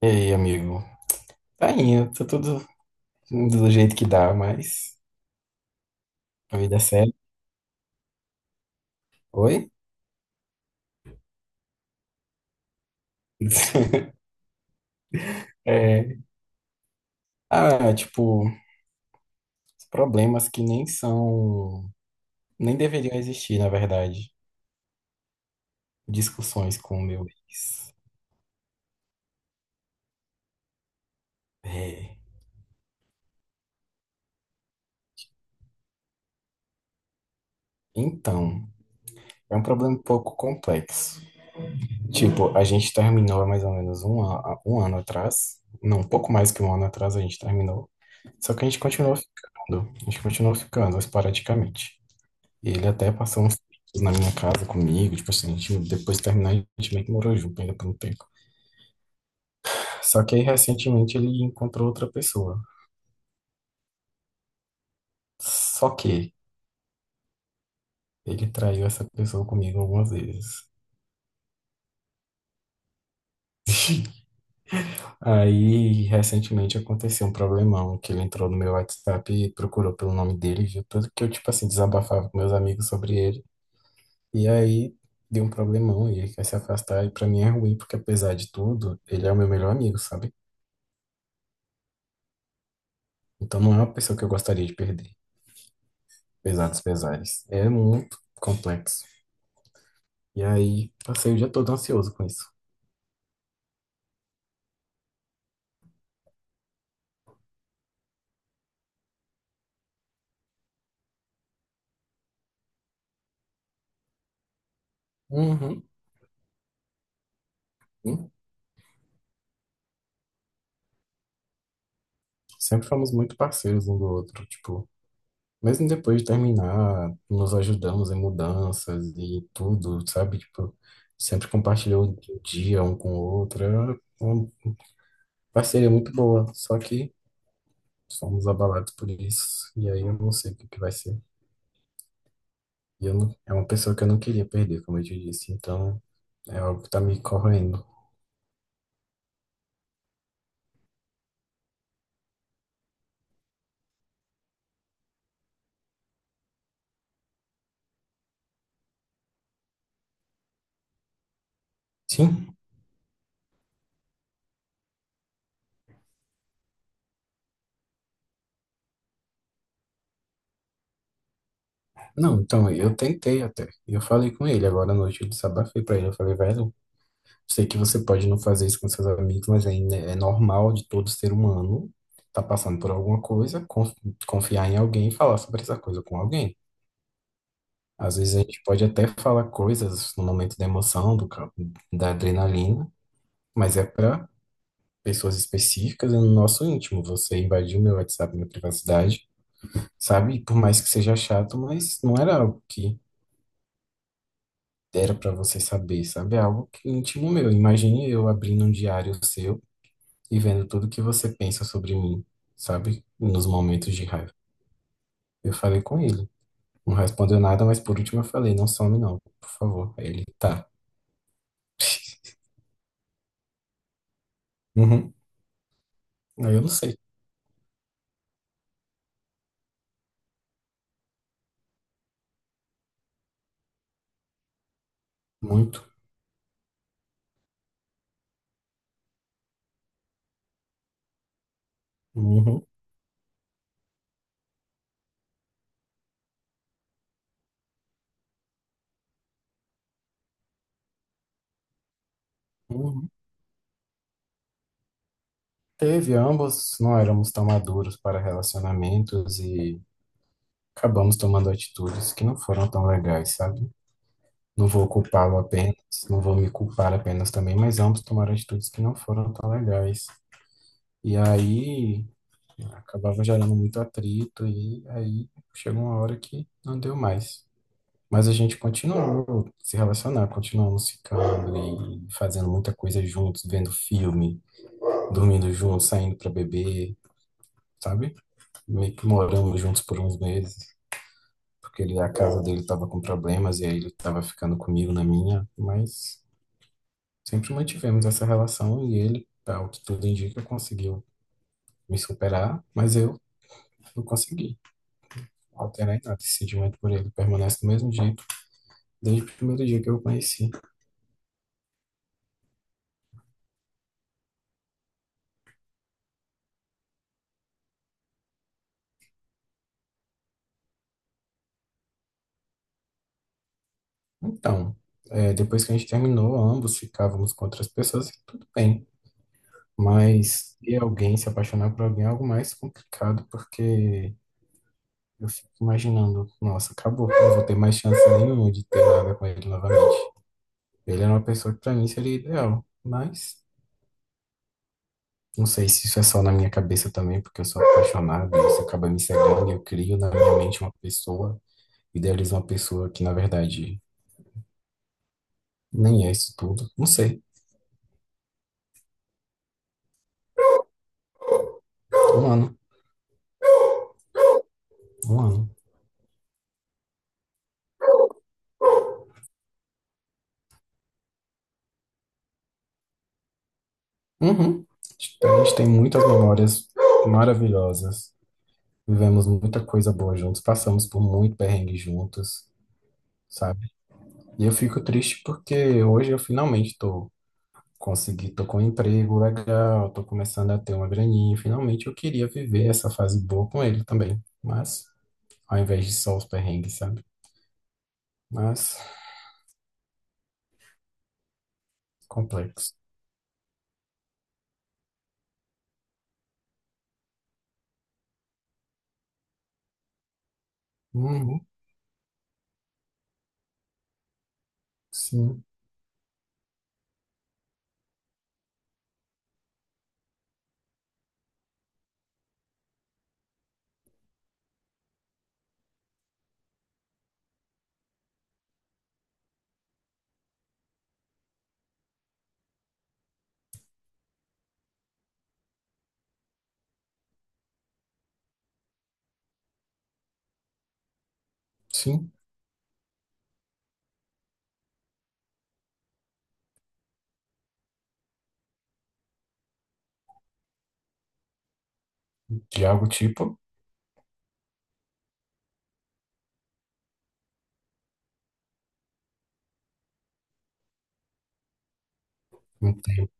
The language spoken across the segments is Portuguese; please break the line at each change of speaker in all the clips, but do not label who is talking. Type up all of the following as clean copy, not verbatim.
E aí, amigo? Tá indo, tá tudo do jeito que dá, mas a vida é séria. Oi? É, ah, tipo, os problemas que nem são, nem deveriam existir, na verdade. Discussões com o meu ex. É, então, é um problema um pouco complexo. Tipo, a gente terminou há mais ou menos um ano atrás. Não, um pouco mais que um ano atrás a gente terminou. Só que a gente continuou ficando. A gente continuou ficando esporadicamente. E ele até passou uns tempos na minha casa comigo, tipo assim, a gente, depois de terminar, a gente meio que morou junto ainda por um tempo. Só que aí, recentemente, ele encontrou outra pessoa. Só que ele traiu essa pessoa comigo algumas vezes. Aí, recentemente, aconteceu um problemão, que ele entrou no meu WhatsApp e procurou pelo nome dele, viu tudo que eu, tipo assim, desabafava com meus amigos sobre ele. E aí, deu um problemão e ele quer se afastar. E pra mim é ruim, porque apesar de tudo, ele é o meu melhor amigo, sabe? Então não é uma pessoa que eu gostaria de perder. Pesados pesares. É muito complexo. E aí, passei o dia todo ansioso com isso. Uhum, uhum. Sempre fomos muito parceiros um do outro, tipo, mesmo depois de terminar, nos ajudamos em mudanças e tudo, sabe? Tipo, sempre compartilhou o dia um com o outro. Era uma parceria muito boa, só que somos abalados por isso. E aí eu não sei o que que vai ser. E eu não, é uma pessoa que eu não queria perder, como eu te disse. Então, é algo que tá me corroendo. Sim? Não, então, eu tentei até. Eu falei com ele agora à noite, eu desabafei pra ele. Eu falei, velho, sei que você pode não fazer isso com seus amigos, mas é normal de todo ser humano tá passando por alguma coisa, confiar em alguém e falar sobre essa coisa com alguém. Às vezes a gente pode até falar coisas no momento da emoção, da adrenalina, mas é para pessoas específicas e no nosso íntimo. Você invadiu meu WhatsApp, minha privacidade. Sabe? Por mais que seja chato, mas não era algo que era pra você saber, sabe? É algo que íntimo meu. Imagine eu abrindo um diário seu e vendo tudo que você pensa sobre mim, sabe? Nos momentos de raiva. Eu falei com ele. Não respondeu nada, mas por último eu falei, não some não, por favor. Aí ele, tá. Uhum. Aí eu não sei. Muito. Uhum. Uhum. Teve, ambos não éramos tão maduros para relacionamentos e acabamos tomando atitudes que não foram tão legais, sabe? Não vou culpá-lo apenas, não vou me culpar apenas também, mas ambos tomaram atitudes que não foram tão legais. E aí acabava gerando muito atrito, e aí chegou uma hora que não deu mais. Mas a gente continuou se relacionar, continuamos ficando e fazendo muita coisa juntos, vendo filme, dormindo juntos, saindo para beber, sabe? Meio que moramos juntos por uns meses, porque ele, a casa dele estava com problemas e aí ele estava ficando comigo na minha, mas. Sempre mantivemos essa relação e ele, ao que tudo indica, conseguiu me superar, mas eu não consegui alterar em nada. Esse sentimento por ele permanece do mesmo jeito desde o primeiro dia que eu o conheci. Então, depois que a gente terminou, ambos ficávamos com outras pessoas e tudo bem. Mas e alguém se apaixonar por alguém é algo mais complicado, porque eu fico imaginando, nossa, acabou, eu não vou ter mais chance nenhuma de ter nada com ele novamente. Ele era uma pessoa que para mim seria ideal, mas. Não sei se isso é só na minha cabeça também, porque eu sou apaixonado e isso acaba me cegando. Eu crio na minha mente uma pessoa, idealizo uma pessoa que, na verdade, nem é isso tudo. Não sei. Um ano. Um ano. Uhum. A gente tem muitas memórias maravilhosas. Vivemos muita coisa boa juntos. Passamos por muito perrengue juntos, sabe? E eu fico triste porque hoje eu finalmente tô consegui, tô com um emprego legal, tô começando a ter uma graninha. Finalmente eu queria viver essa fase boa com ele também. Mas, ao invés de só os perrengues, sabe? Mas, complexo. Uhum, sim, sim. De algo tipo. Entendo.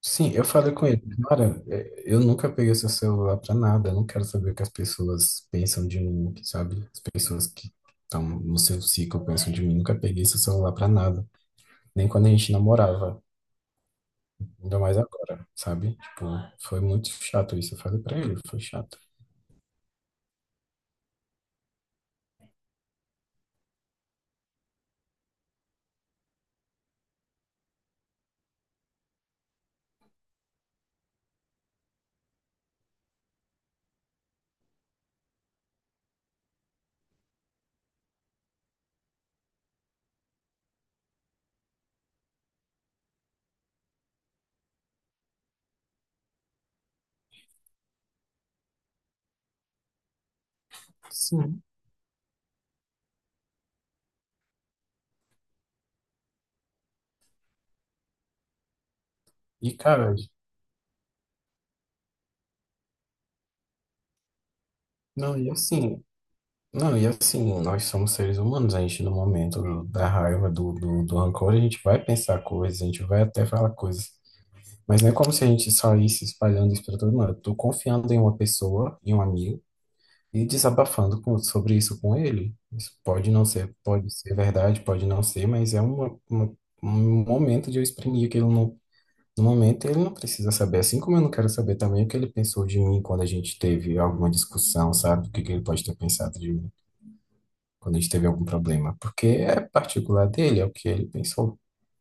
Sim, eu falei com ele, cara, é, eu nunca peguei seu celular pra nada. Eu não quero saber o que as pessoas pensam de mim, sabe? As pessoas que estão no seu ciclo pensam de mim. Nunca peguei seu celular pra nada. Nem quando a gente namorava. Ainda mais agora, sabe? Tipo, foi muito chato isso. Eu falei pra ele, foi chato. Sim. E, cara, não, e assim, não, e assim, nós somos seres humanos, a gente no momento da raiva, do rancor, a gente vai pensar coisas, a gente vai até falar coisas. Mas não é como se a gente saísse espalhando isso pra todo mundo. Eu tô confiando em uma pessoa, em um amigo, e desabafando com, sobre isso com ele. Isso pode não ser, pode ser verdade, pode não ser, mas é um momento de eu exprimir aquilo. No momento, ele não precisa saber, assim como eu não quero saber também o que ele pensou de mim quando a gente teve alguma discussão, sabe? O que que ele pode ter pensado de mim quando a gente teve algum problema, porque é particular dele, é o que ele pensou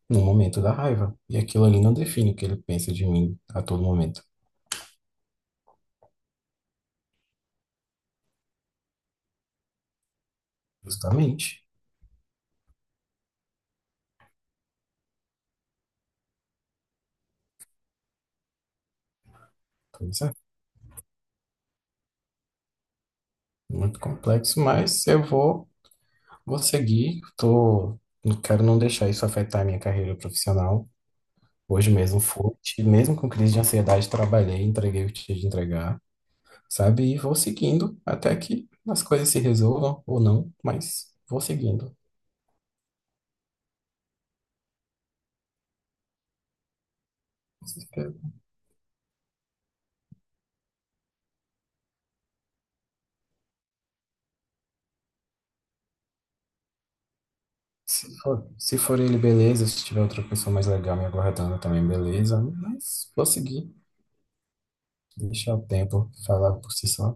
no momento da raiva. E aquilo ali não define o que ele pensa de mim a todo momento, justamente. Pois é, muito complexo, mas eu vou seguir, tô, não quero não deixar isso afetar a minha carreira profissional. Hoje mesmo fui, mesmo com crise de ansiedade, trabalhei, entreguei o que tinha de entregar. Sabe? E vou seguindo até que as coisas se resolvam ou não, mas vou seguindo. Se se for ele, beleza. Se tiver outra pessoa mais legal me aguardando também, beleza. Mas vou seguir. Deixar o tempo falar por si só.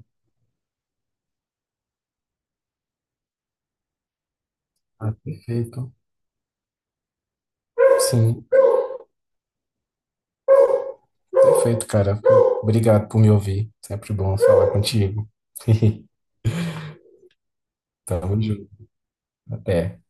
Ah, perfeito. Sim, perfeito, cara. Obrigado por me ouvir. Sempre bom falar contigo. Tamo junto. Até.